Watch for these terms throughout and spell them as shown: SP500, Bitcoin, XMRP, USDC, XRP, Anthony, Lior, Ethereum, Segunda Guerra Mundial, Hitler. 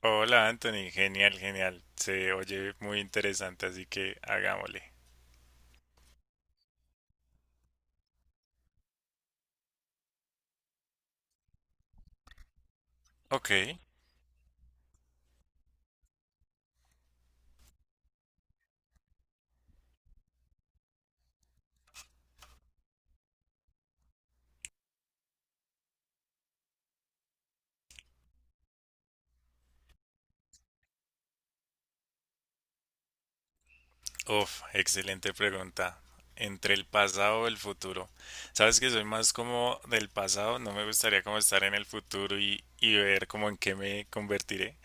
Hola Anthony, genial, genial. Se oye muy interesante, así que hagámosle. Ok, uf, excelente pregunta. Entre el pasado y el futuro. Sabes que soy más como del pasado, no me gustaría como estar en el futuro y ver como en qué me convertiré.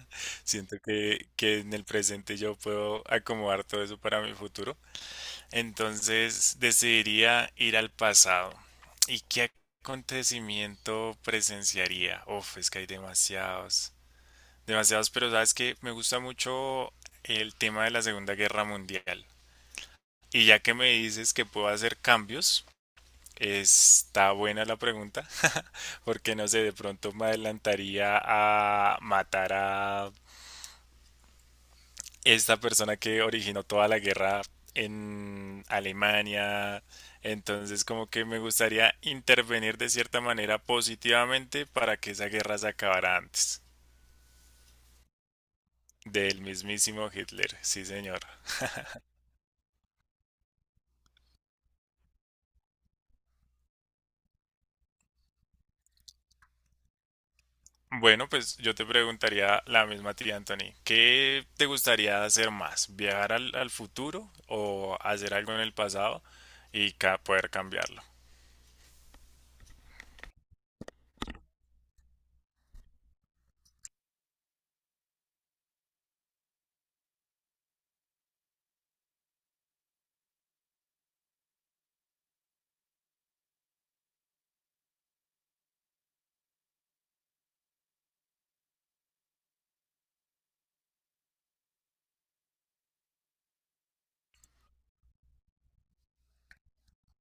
Siento que en el presente yo puedo acomodar todo eso para mi futuro. Entonces decidiría ir al pasado. ¿Y qué acontecimiento presenciaría? Uf, es que hay demasiados, demasiados, pero sabes que me gusta mucho el tema de la Segunda Guerra Mundial. Y ya que me dices que puedo hacer cambios, está buena la pregunta, porque no sé, de pronto me adelantaría a matar a esta persona que originó toda la guerra en Alemania. Entonces, como que me gustaría intervenir de cierta manera positivamente para que esa guerra se acabara antes del mismísimo Hitler. Sí, señor. Bueno, pues yo te preguntaría la misma tía Anthony, ¿qué te gustaría hacer más? ¿Viajar al futuro o hacer algo en el pasado y poder cambiarlo?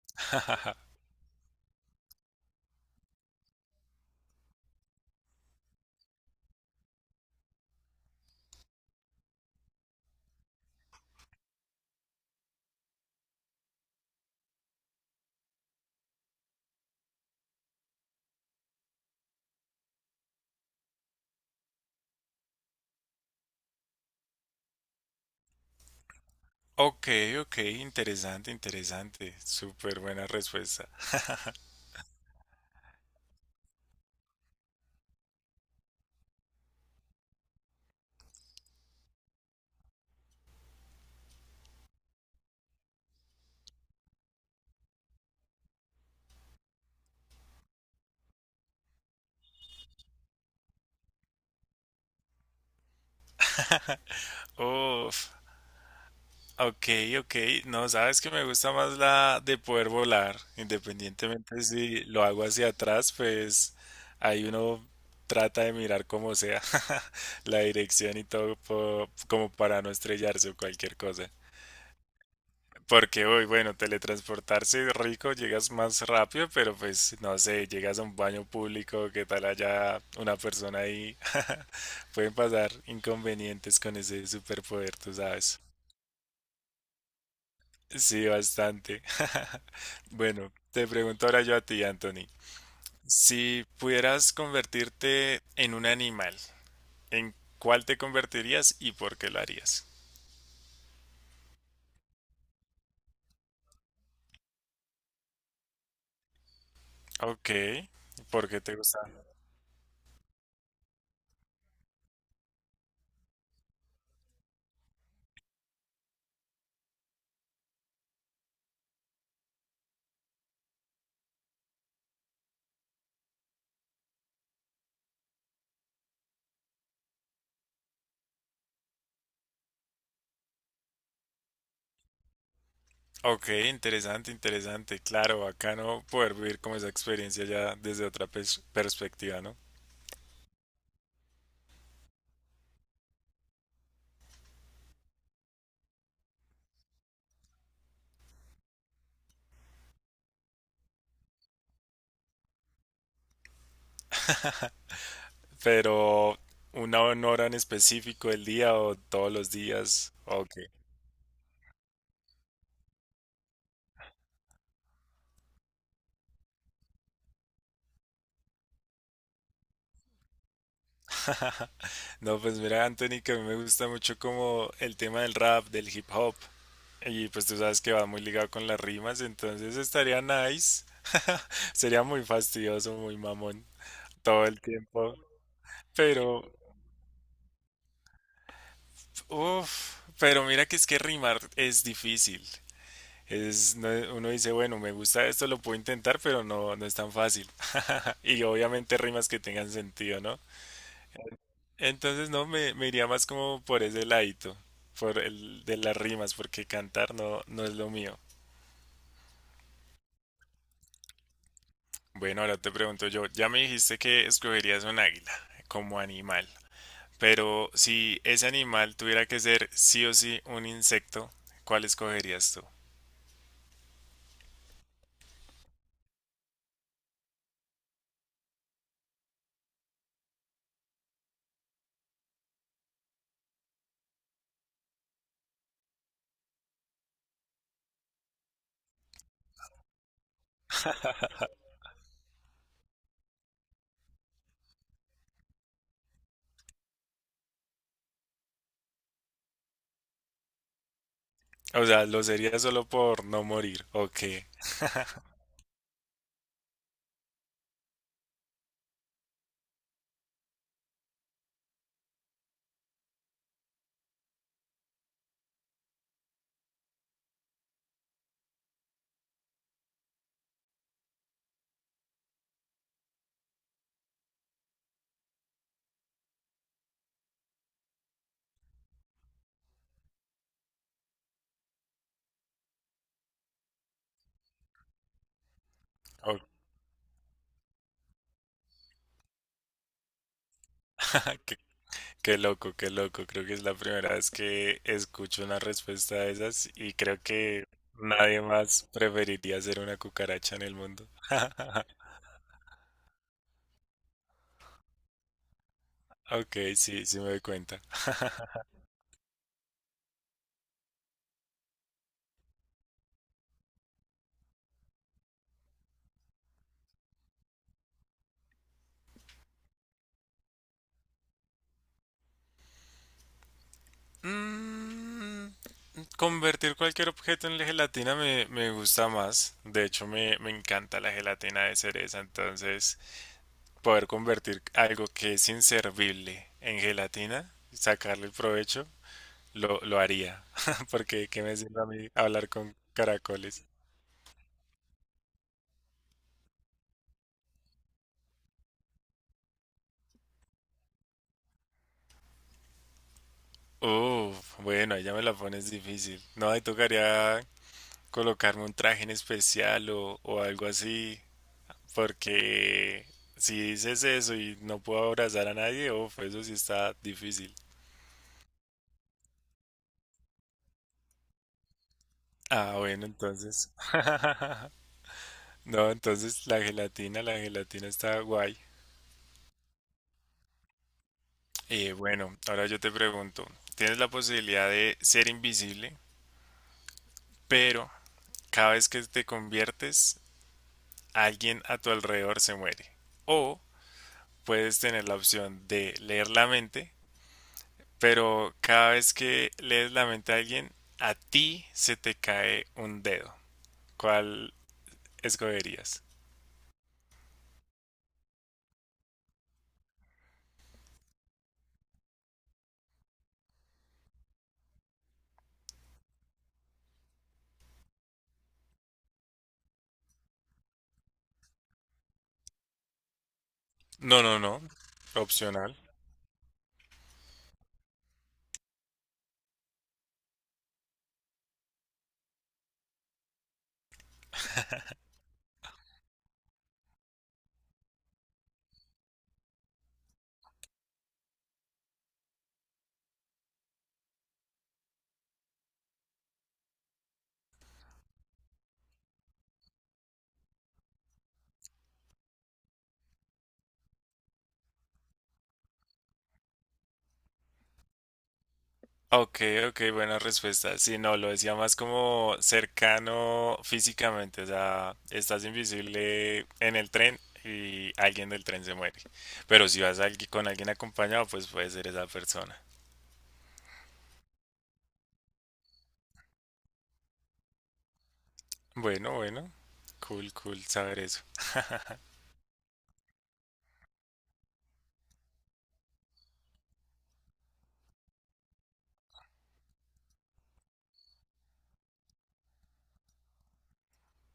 Ok, ok, interesante, interesante. Súper buena respuesta. Uf, ok, ok. No, sabes que me gusta más la de poder volar, independientemente si lo hago hacia atrás, pues ahí uno trata de mirar como sea la dirección y todo como para no estrellarse o cualquier cosa. Porque hoy, bueno, teletransportarse es rico, llegas más rápido, pero pues no sé, llegas a un baño público, qué tal haya una persona ahí. Pueden pasar inconvenientes con ese superpoder, tú sabes. Sí, bastante. Bueno, te pregunto ahora yo a ti, Anthony. Si pudieras convertirte en un animal, ¿en cuál te convertirías y por qué lo harías? Ok, ¿por qué te gusta? Ok, interesante, interesante. Claro, bacano poder vivir como esa experiencia ya desde otra perspectiva, ¿no? Pero una hora en específico, el día o todos los días. Ok. No, pues mira, Anthony, que a mí me gusta mucho como el tema del rap, del hip hop. Y pues tú sabes que va muy ligado con las rimas, entonces estaría nice. Sería muy fastidioso, muy mamón todo el tiempo. Pero, uff, pero mira que es que rimar es difícil. Es, uno dice, bueno, me gusta esto, lo puedo intentar, pero no, no es tan fácil. Y obviamente rimas que tengan sentido, ¿no? Entonces no, me iría más como por ese ladito, por el de las rimas, porque cantar no, no es lo mío. Bueno, ahora te pregunto yo, ya me dijiste que escogerías un águila como animal, pero si ese animal tuviera que ser sí o sí un insecto, ¿cuál escogerías tú? O sea, ¿lo sería solo por no morir? ¿O qué? ¿O qué loco, qué loco. Creo que es la primera vez que escucho una respuesta de esas y creo que nadie más preferiría ser una cucaracha en el mundo. Ok, sí, sí me doy cuenta. Mm, convertir cualquier objeto en gelatina me gusta más. De hecho, me encanta la gelatina de cereza. Entonces, poder convertir algo que es inservible en gelatina, sacarle el provecho, lo haría. Porque, ¿qué me sirve a mí hablar con caracoles? Uf, bueno, ahí ya me la pones difícil. No, ahí tocaría colocarme un traje en especial o algo así, porque si dices eso y no puedo abrazar a nadie, uf, eso sí está difícil. Ah, bueno, entonces. No, entonces la gelatina está guay. Bueno, ahora yo te pregunto, tienes la posibilidad de ser invisible, pero cada vez que te conviertes, alguien a tu alrededor se muere. O puedes tener la opción de leer la mente, pero cada vez que lees la mente a alguien, a ti se te cae un dedo. ¿Cuál escogerías? No, no, no. Opcional. Ok, ok, buena respuesta. Sí, no, lo decía más como cercano físicamente, o sea, estás invisible en el tren y alguien del tren se muere. Pero si vas alguien- con alguien acompañado, pues puede ser esa persona. Bueno, bueno, cool, cool saber eso.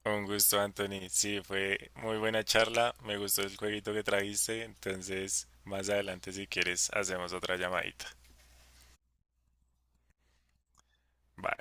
Un gusto, Anthony. Sí, fue muy buena charla. Me gustó el jueguito que trajiste. Entonces, más adelante, si quieres, hacemos otra llamadita. Bye.